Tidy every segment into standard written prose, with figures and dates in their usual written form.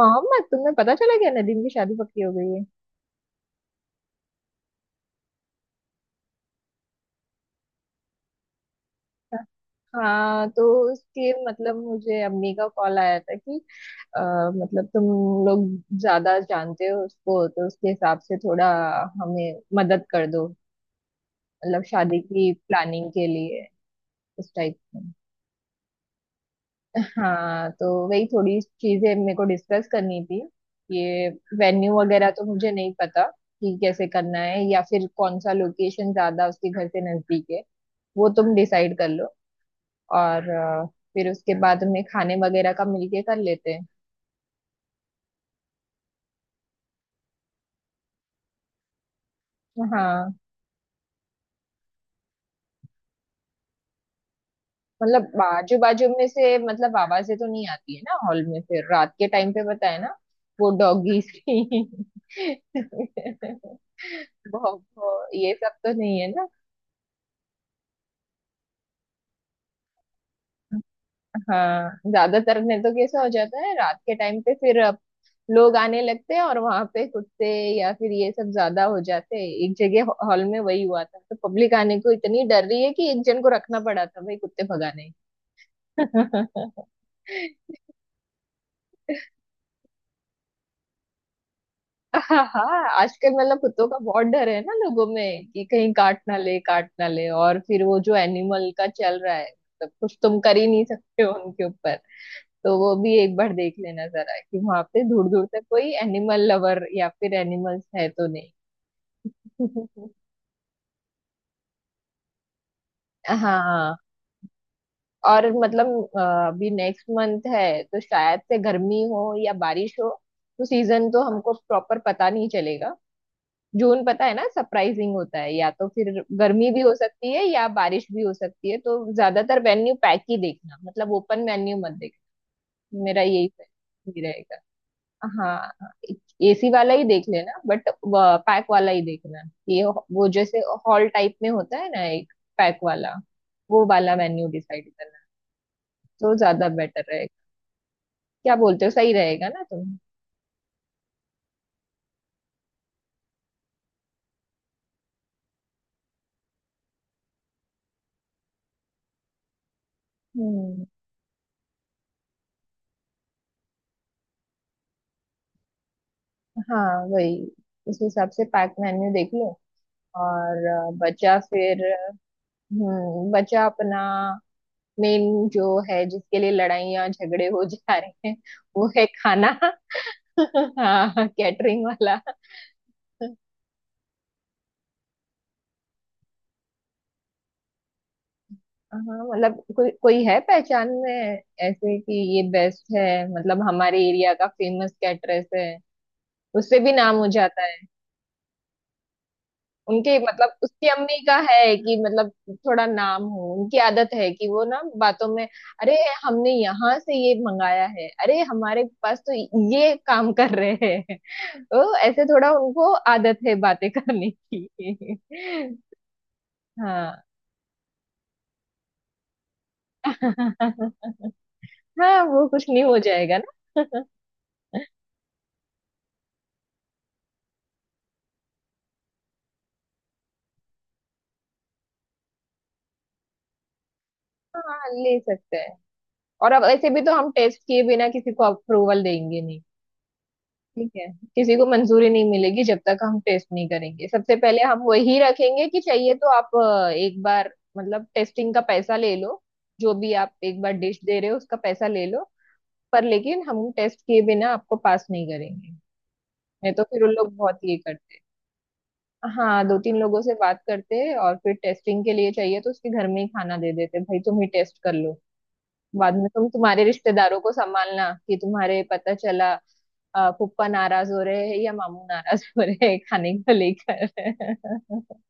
मोहम्मद, तुम्हें पता चला क्या नदीम की शादी पक्की हो गई है? हाँ तो उसके मतलब मुझे अम्मी का कॉल आया था कि अ, मतलब तुम लोग ज्यादा जानते हो उसको तो उसके हिसाब से थोड़ा हमें मदद कर दो। मतलब शादी की प्लानिंग के लिए उस टाइप में। हाँ तो वही थोड़ी चीजें मेरे को डिस्कस करनी थी। ये वेन्यू वगैरह तो मुझे नहीं पता कि कैसे करना है या फिर कौन सा लोकेशन ज्यादा उसके घर से नजदीक है। वो तुम डिसाइड कर लो। और फिर उसके बाद में खाने वगैरह का मिलके कर लेते हैं। हाँ, मतलब बाजू बाजू में से मतलब आवाजें तो नहीं आती है ना हॉल में, फिर रात के टाइम पे पता है ना, वो डॉगीज की भौं, ये सब तो नहीं है ना? हाँ ज्यादातर नहीं तो कैसा हो जाता है रात के टाइम पे, फिर अब लोग आने लगते हैं और वहां पे कुत्ते या फिर ये सब ज्यादा हो जाते हैं एक जगह। हॉल में वही हुआ था तो पब्लिक आने को इतनी डर रही है कि एक जन को रखना पड़ा था भाई कुत्ते भगाने। हाँ हाँ, आजकल मतलब कुत्तों का बहुत डर है ना लोगों में कि कहीं काट ना ले काट ना ले, और फिर वो जो एनिमल का चल रहा है मतलब कुछ तुम कर ही नहीं सकते हो उनके ऊपर। तो वो भी एक बार देख लेना जरा कि वहां पे दूर दूर तक कोई एनिमल लवर या फिर एनिमल्स है तो नहीं। हाँ। और मतलब अ, अभी नेक्स्ट मंथ है तो शायद से गर्मी हो या बारिश हो, तो सीजन तो हमको प्रॉपर पता नहीं चलेगा। जून पता है ना सरप्राइजिंग होता है, या तो फिर गर्मी भी हो सकती है या बारिश भी हो सकती है, तो ज्यादातर मेन्यू पैक ही देखना, मतलब ओपन मेन्यू मत देखना। मेरा यही सही रहेगा। हाँ, एसी वाला ही देख लेना बट पैक वाला ही देखना। ये वो जैसे हॉल टाइप में होता है ना एक पैक वाला, वो वाला मेन्यू डिसाइड करना तो ज्यादा बेटर रहेगा। क्या बोलते हो, सही रहेगा ना तुम? हम्म, हाँ वही, उस हिसाब से पैक मेन्यू देख लो। और बचा फिर बचा अपना मेन जो है, जिसके लिए लड़ाइयाँ झगड़े हो जा रहे हैं, वो है खाना। हाँ कैटरिंग वाला। हाँ मतलब कोई कोई है पहचान में ऐसे कि ये बेस्ट है? मतलब हमारे एरिया का फेमस कैटरेस है, उससे भी नाम हो जाता है। उनके मतलब उसकी अम्मी का है कि मतलब थोड़ा नाम हो, उनकी आदत है कि वो ना बातों में, अरे हमने यहाँ से ये मंगाया है, अरे हमारे पास तो ये काम कर रहे हैं। तो ऐसे थोड़ा उनको आदत है बातें करने की। हाँ। हाँ वो कुछ नहीं हो जाएगा ना। हाँ, ले सकते हैं। और अब ऐसे भी तो हम टेस्ट किए बिना किसी को अप्रूवल देंगे नहीं। ठीक है, किसी को मंजूरी नहीं मिलेगी जब तक हम टेस्ट नहीं करेंगे। सबसे पहले हम वही रखेंगे कि चाहिए तो आप एक बार मतलब टेस्टिंग का पैसा ले लो, जो भी आप एक बार डिश दे रहे हो उसका पैसा ले लो, पर लेकिन हम टेस्ट किए बिना आपको पास नहीं करेंगे। नहीं तो फिर उन लोग बहुत ये करते हैं। हाँ, दो तीन लोगों से बात करते हैं और फिर टेस्टिंग के लिए चाहिए तो उसके घर में ही खाना दे देते हैं, भाई तुम ही टेस्ट कर लो, बाद में तुम तुम्हारे रिश्तेदारों को संभालना कि तुम्हारे पता चला फूफा नाराज हो रहे हैं या मामू नाराज हो रहे हैं खाने को लेकर।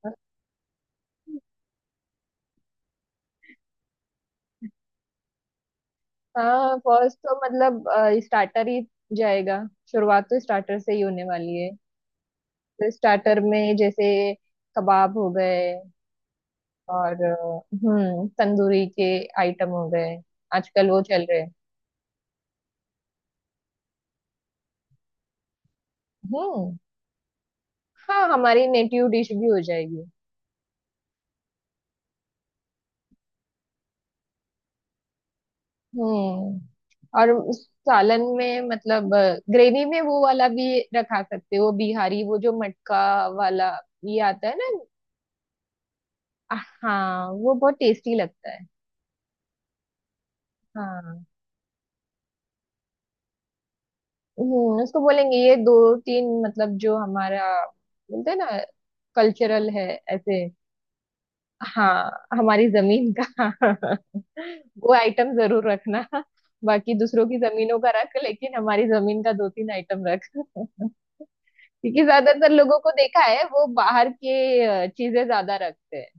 हाँ फर्स्ट तो मतलब स्टार्टर ही जाएगा, शुरुआत तो स्टार्टर से ही होने वाली है। तो स्टार्टर में जैसे कबाब हो गए, और तंदूरी के आइटम हो गए, आजकल वो चल रहे हैं। हम्म। हाँ हमारी नेटिव डिश भी हो जाएगी। और उस सालन में मतलब ग्रेवी में वो वाला भी रखा सकते हो, बिहारी वो जो मटका वाला, ये आता है ना? हाँ वो बहुत टेस्टी लगता है। हाँ उसको बोलेंगे ये दो तीन मतलब जो हमारा बोलते हैं ना कल्चरल है ऐसे। हाँ हमारी जमीन का वो आइटम जरूर रखना। बाकी दूसरों की जमीनों का रख लेकिन हमारी जमीन का दो तीन आइटम रख। क्योंकि ज्यादातर लोगों को देखा है वो बाहर के चीजें ज्यादा रखते हैं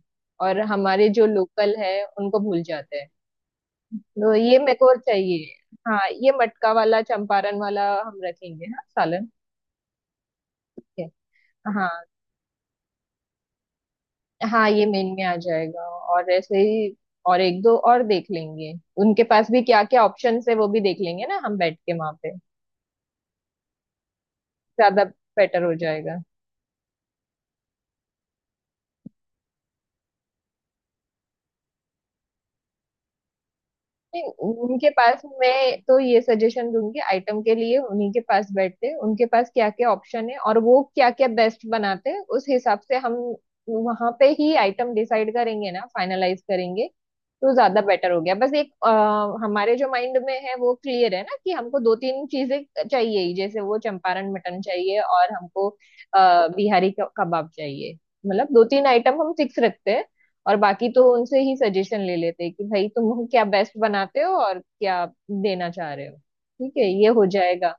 और हमारे जो लोकल है उनको भूल जाते हैं। तो ये मेरे को चाहिए। हाँ ये मटका वाला, चंपारण वाला हम रखेंगे, हाँ सालन। ठीक है। हाँ हाँ, ये मेन में आ जाएगा। और ऐसे ही, और एक दो और देख लेंगे उनके पास भी क्या क्या ऑप्शन है, वो भी देख लेंगे ना हम बैठ के वहां पे, ज्यादा बेटर हो जाएगा। नहीं, उनके पास मैं तो ये सजेशन दूंगी, आइटम के लिए उन्हीं के पास बैठते हैं, उनके पास क्या क्या ऑप्शन है और वो क्या क्या बेस्ट बनाते हैं, उस हिसाब से हम वहां पे ही आइटम डिसाइड करेंगे ना फाइनलाइज करेंगे, तो ज्यादा बेटर हो गया। बस एक हमारे जो माइंड में है वो क्लियर है ना कि हमको दो तीन चीजें चाहिए ही, जैसे वो चंपारण मटन चाहिए और हमको बिहारी कबाब चाहिए। मतलब दो तीन आइटम हम फिक्स रखते हैं और बाकी तो उनसे ही सजेशन ले लेते कि भाई तुम क्या बेस्ट बनाते हो और क्या देना चाह रहे हो। ठीक है, ये हो जाएगा।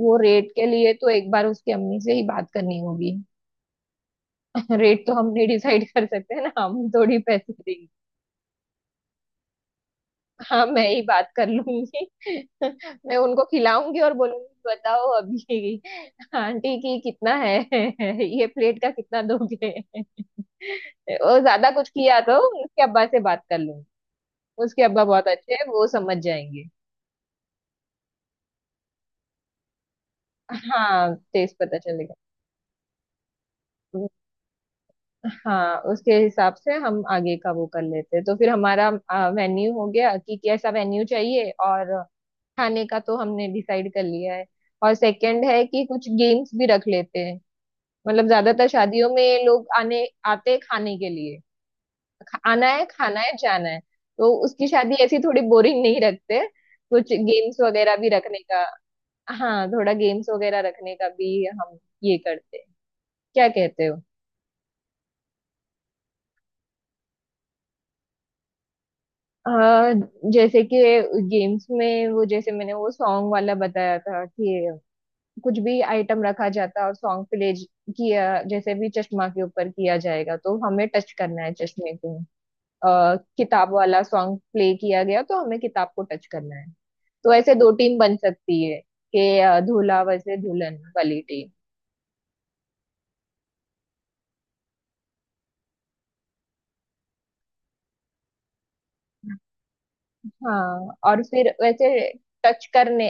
वो रेट के लिए तो एक बार उसकी अम्मी से ही बात करनी होगी। रेट तो हम नहीं डिसाइड कर सकते हैं ना, हम थोड़ी पैसे देंगे। हाँ मैं ही बात कर लूंगी। मैं उनको खिलाऊंगी और बोलूंगी, बताओ अभी आंटी की कितना है? ये प्लेट का कितना दोगे? वो ज्यादा कुछ किया तो उसके अब्बा से बात कर लूंगी, उसके अब्बा बहुत अच्छे हैं वो समझ जाएंगे। हाँ टेस्ट पता चलेगा। हाँ उसके हिसाब से हम आगे का वो कर लेते हैं। तो फिर हमारा मेन्यू हो गया कि कैसा मेन्यू चाहिए, और खाने का तो हमने डिसाइड कर लिया है। और सेकंड है कि कुछ गेम्स भी रख लेते हैं, मतलब ज्यादातर शादियों में लोग आने आते हैं खाने के लिए, आना है खाना है जाना है, तो उसकी शादी ऐसी थोड़ी बोरिंग नहीं रखते, कुछ गेम्स वगैरह भी रखने का। हाँ थोड़ा गेम्स वगैरह रखने का भी हम ये करते हैं, क्या कहते हो? आ, जैसे कि गेम्स में वो जैसे मैंने वो सॉन्ग वाला बताया था कि कुछ भी आइटम रखा जाता और सॉन्ग प्ले किया, जैसे भी चश्मा के ऊपर किया जाएगा तो हमें टच करना है चश्मे को। किताब वाला सॉन्ग प्ले किया गया तो हमें किताब को टच करना है। तो ऐसे दो टीम बन सकती है कि दूल्हा वैसे दुल्हन वाली टीम। हाँ और फिर वैसे टच करने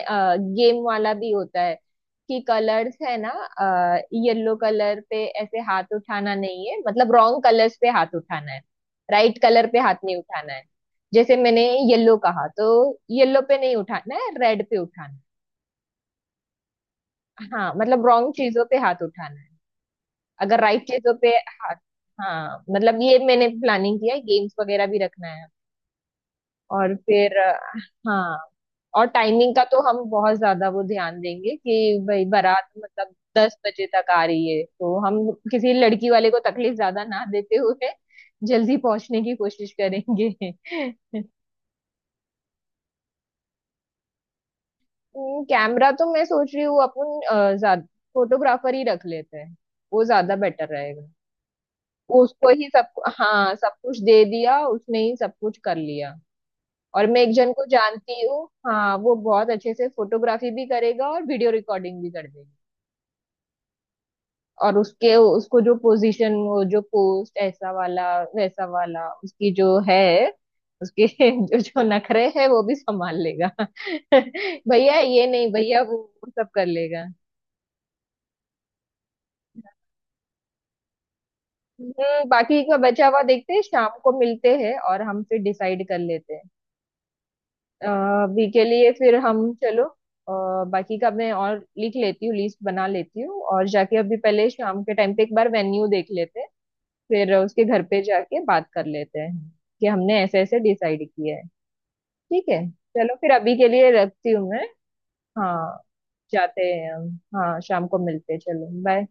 गेम वाला भी होता है, कि कलर्स है ना, येलो कलर पे ऐसे हाथ उठाना नहीं है, मतलब रॉन्ग कलर्स पे हाथ उठाना है, राइट कलर पे हाथ नहीं उठाना है, जैसे मैंने येलो कहा तो येलो पे नहीं उठाना है, रेड पे उठाना है। हाँ मतलब रॉन्ग चीजों पे हाथ उठाना है अगर राइट चीजों पे हाथ। हाँ मतलब ये मैंने प्लानिंग किया है, गेम्स वगैरह भी रखना है। और फिर हाँ और टाइमिंग का तो हम बहुत ज्यादा वो ध्यान देंगे कि भाई बारात मतलब 10 बजे तक आ रही है, तो हम किसी लड़की वाले को तकलीफ ज्यादा ना देते हुए जल्दी पहुंचने की कोशिश करेंगे। कैमरा तो मैं सोच रही हूँ अपन ज्यादा फोटोग्राफर ही रख लेते हैं, वो ज्यादा बेटर रहेगा। उसको ही सब, हाँ, सब कुछ दे दिया, उसने ही सब कुछ कर लिया। और मैं एक जन को जानती हूँ, हाँ वो बहुत अच्छे से फोटोग्राफी भी करेगा और वीडियो रिकॉर्डिंग भी कर देगा। और उसके उसको जो पोजीशन वो जो पोस्ट ऐसा वाला वैसा वाला उसकी जो है, उसके जो जो नखरे है वो भी संभाल लेगा। भैया ये नहीं भैया वो सब कर लेगा। बाकी का बचा हुआ देखते हैं, शाम को मिलते हैं और हम फिर डिसाइड कर लेते हैं। अभी के लिए फिर हम चलो बाकी का मैं और लिख लेती हूँ, लिस्ट बना लेती हूँ, और जाके अभी पहले शाम के टाइम पे एक बार वेन्यू देख लेते हैं, फिर उसके घर पे जाके बात कर लेते हैं कि हमने ऐसे ऐसे डिसाइड किया है। ठीक है, चलो फिर अभी के लिए रखती हूँ मैं। हाँ, जाते हैं हम। हाँ शाम को मिलते हैं, चलो बाय।